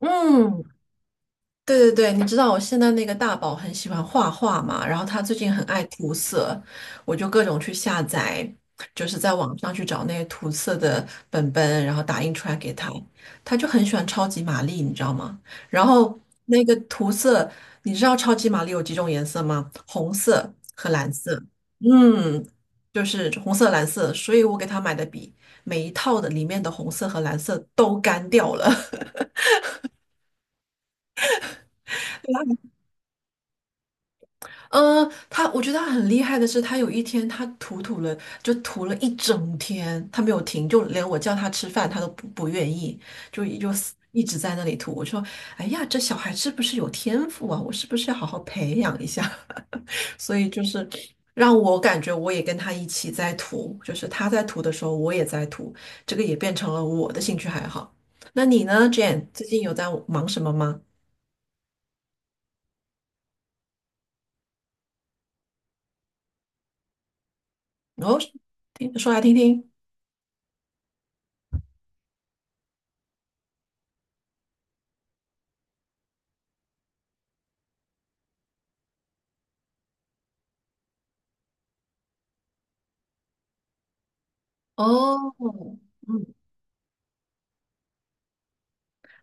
嗯，对对对，你知道我现在那个大宝很喜欢画画嘛，然后他最近很爱涂色，我就各种去下载，就是在网上去找那些涂色的本本，然后打印出来给他，他就很喜欢超级玛丽，你知道吗？然后那个涂色，你知道超级玛丽有几种颜色吗？红色和蓝色，嗯，就是红色、蓝色，所以我给他买的笔，每一套的里面的红色和蓝色都干掉了。嗯，他我觉得他很厉害的是，他有一天他涂了，就涂了一整天，他没有停，就连我叫他吃饭，他都不愿意，就一直在那里涂。我说，哎呀，这小孩是不是有天赋啊？我是不是要好好培养一下？所以就是让我感觉我也跟他一起在涂，就是他在涂的时候，我也在涂，这个也变成了我的兴趣爱好。那你呢，Jane？最近有在忙什么吗？哦，听说来听听。哦，嗯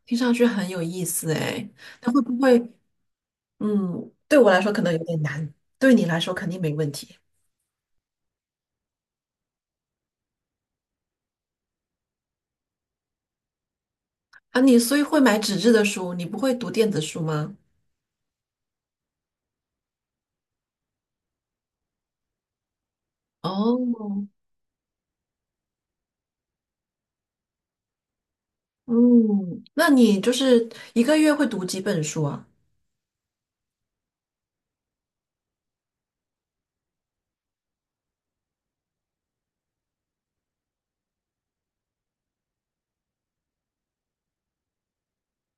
听上去很有意思哎，那会不会，嗯，对我来说可能有点难，对你来说肯定没问题啊。你所以会买纸质的书，你不会读电子书吗？哦，嗯，那你就是一个月会读几本书啊？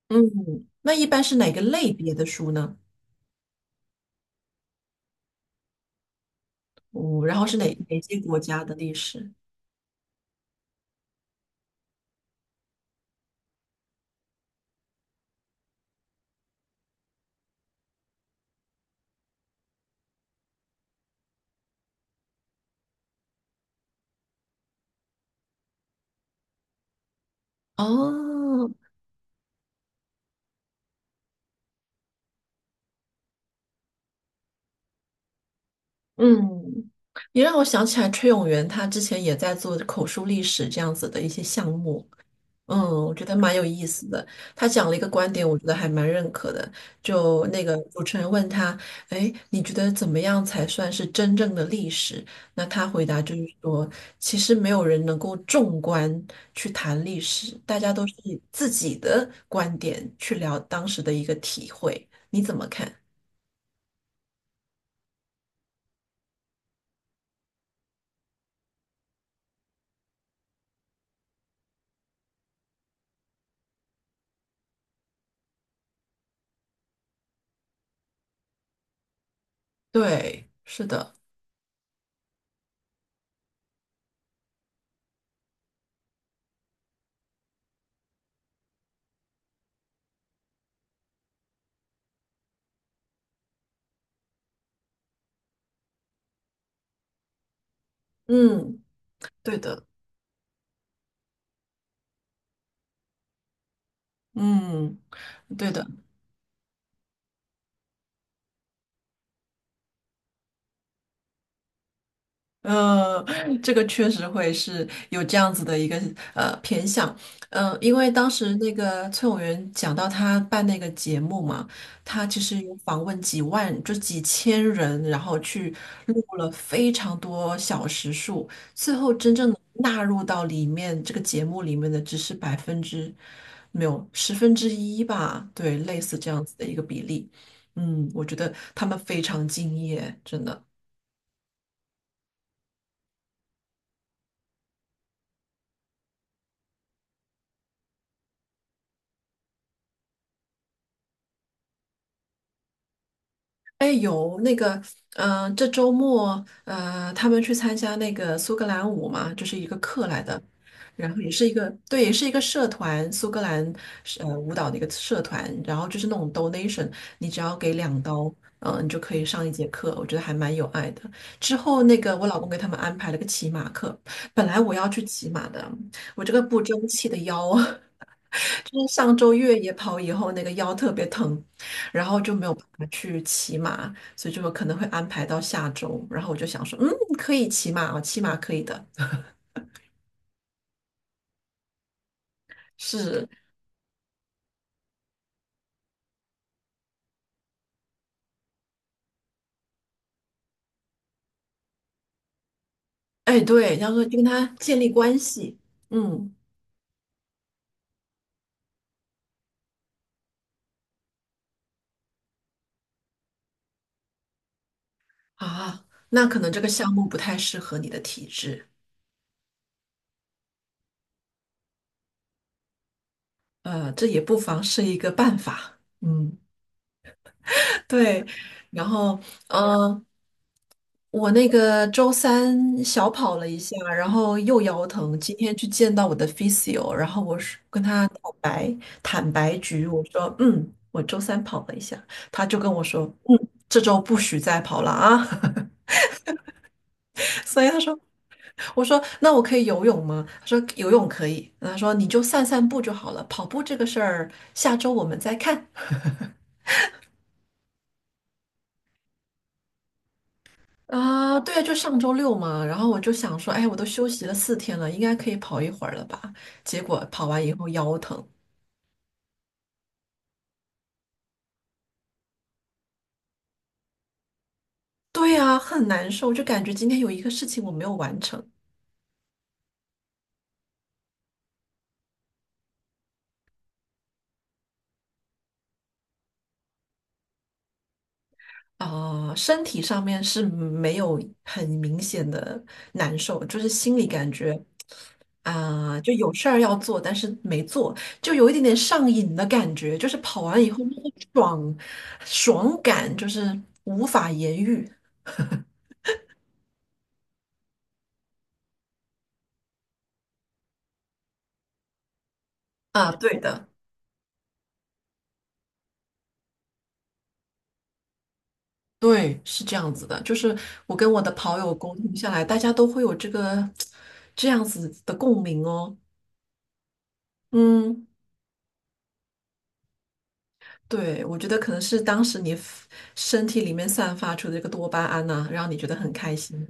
嗯，那一般是哪个类别的书呢？哦，然后是哪些国家的历史？哦，嗯，你让我想起来崔永元他之前也在做口述历史这样子的一些项目。我觉得蛮有意思的。他讲了一个观点，我觉得还蛮认可的。就那个主持人问他：“哎，你觉得怎么样才算是真正的历史？”那他回答就是说：“其实没有人能够纵观去谈历史，大家都是以自己的观点去聊当时的一个体会。你怎么看？”对，是的，嗯，对的，嗯，对的。嗯，这个确实会是有这样子的一个偏向，因为当时那个崔永元讲到他办那个节目嘛，他其实有访问几万，就几千人，然后去录了非常多小时数，最后真正地纳入到里面这个节目里面的只是百分之没有十分之一吧，对，类似这样子的一个比例，我觉得他们非常敬业，真的。哎，有那个，这周末，他们去参加那个苏格兰舞嘛，就是一个课来的，然后也是一个，对，也是一个社团，苏格兰是舞蹈的一个社团，然后就是那种 donation，你只要给2刀，你就可以上一节课，我觉得还蛮有爱的。之后那个我老公给他们安排了个骑马课，本来我要去骑马的，我这个不争气的腰。就是上周越野跑以后，那个腰特别疼，然后就没有办法去骑马，所以就可能会安排到下周。然后我就想说，可以骑马哦，骑马可以的。是，哎，对，要说就跟他建立关系，嗯，啊，那可能这个项目不太适合你的体质，这也不妨是一个办法，嗯，对。然后，嗯、我那个周三小跑了一下，然后又腰疼。今天去见到我的 physio，然后我是跟他坦白局，我说我周三跑了一下，他就跟我说这周不许再跑了啊。所以他说，我说那我可以游泳吗？他说游泳可以。他说你就散散步就好了，跑步这个事儿下周我们再看。啊，对，就上周六嘛，然后我就想说，哎，我都休息了4天了，应该可以跑一会儿了吧？结果跑完以后腰疼，对呀，很难受，就感觉今天有一个事情我没有完成啊，身体上面是没有很明显的难受，就是心里感觉啊，就有事儿要做，但是没做，就有一点点上瘾的感觉，就是跑完以后那个爽感就是无法言喻啊，对的。对，是这样子的，就是我跟我的跑友沟通下来，大家都会有这个这样子的共鸣哦。嗯，对，我觉得可能是当时你 身体里面散发出的这个多巴胺呐、让你觉得很开心，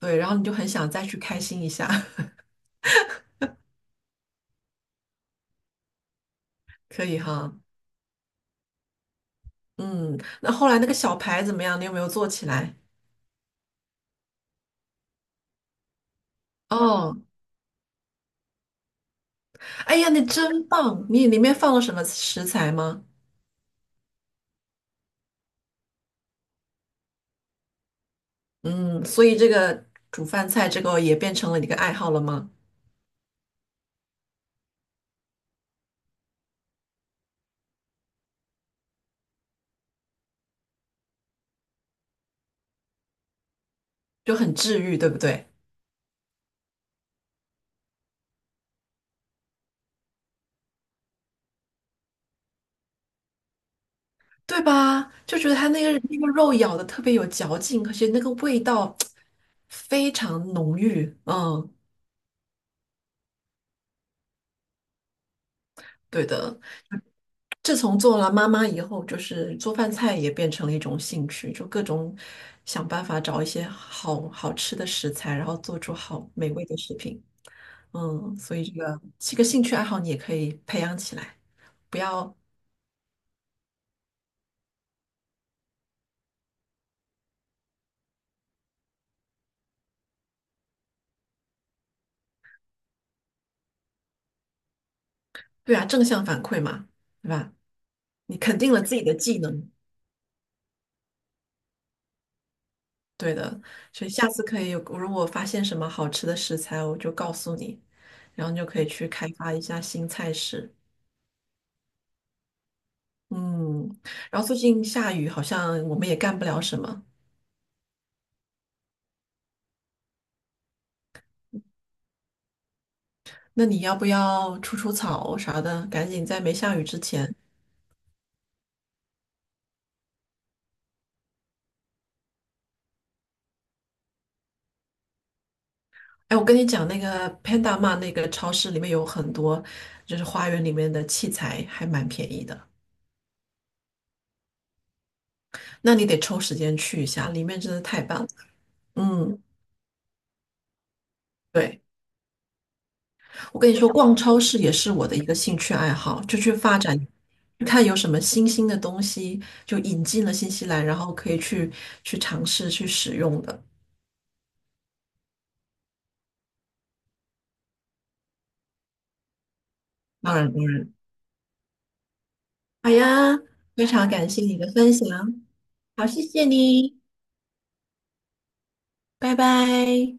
对，然后你就很想再去开心一下，可以哈。嗯，那后来那个小牌怎么样？你有没有做起来？哦，哎呀，你真棒！你里面放了什么食材吗？嗯，所以这个煮饭菜这个也变成了你的爱好了吗？就很治愈，对不对？对吧？就觉得它那个肉咬的特别有嚼劲，而且那个味道非常浓郁。嗯，对的。自从做了妈妈以后，就是做饭菜也变成了一种兴趣，就各种想办法找一些好好吃的食材，然后做出好美味的食品。所以这个兴趣爱好你也可以培养起来，不要，对啊，正向反馈嘛，对吧？你肯定了自己的技能。对的，所以下次可以，如果发现什么好吃的食材，我就告诉你，然后你就可以去开发一下新菜式。嗯，然后最近下雨，好像我们也干不了什么。那你要不要除除草啥的？赶紧在没下雨之前。哎，我跟你讲，那个 Panda m 那个超市里面有很多，就是花园里面的器材还蛮便宜的。那你得抽时间去一下，里面真的太棒了。嗯，对。我跟你说，逛超市也是我的一个兴趣爱好，就去发展，去看有什么新兴的东西，就引进了新西兰，然后可以去尝试去使用的。当然，当然，好呀，非常感谢你的分享，好，谢谢你，拜拜。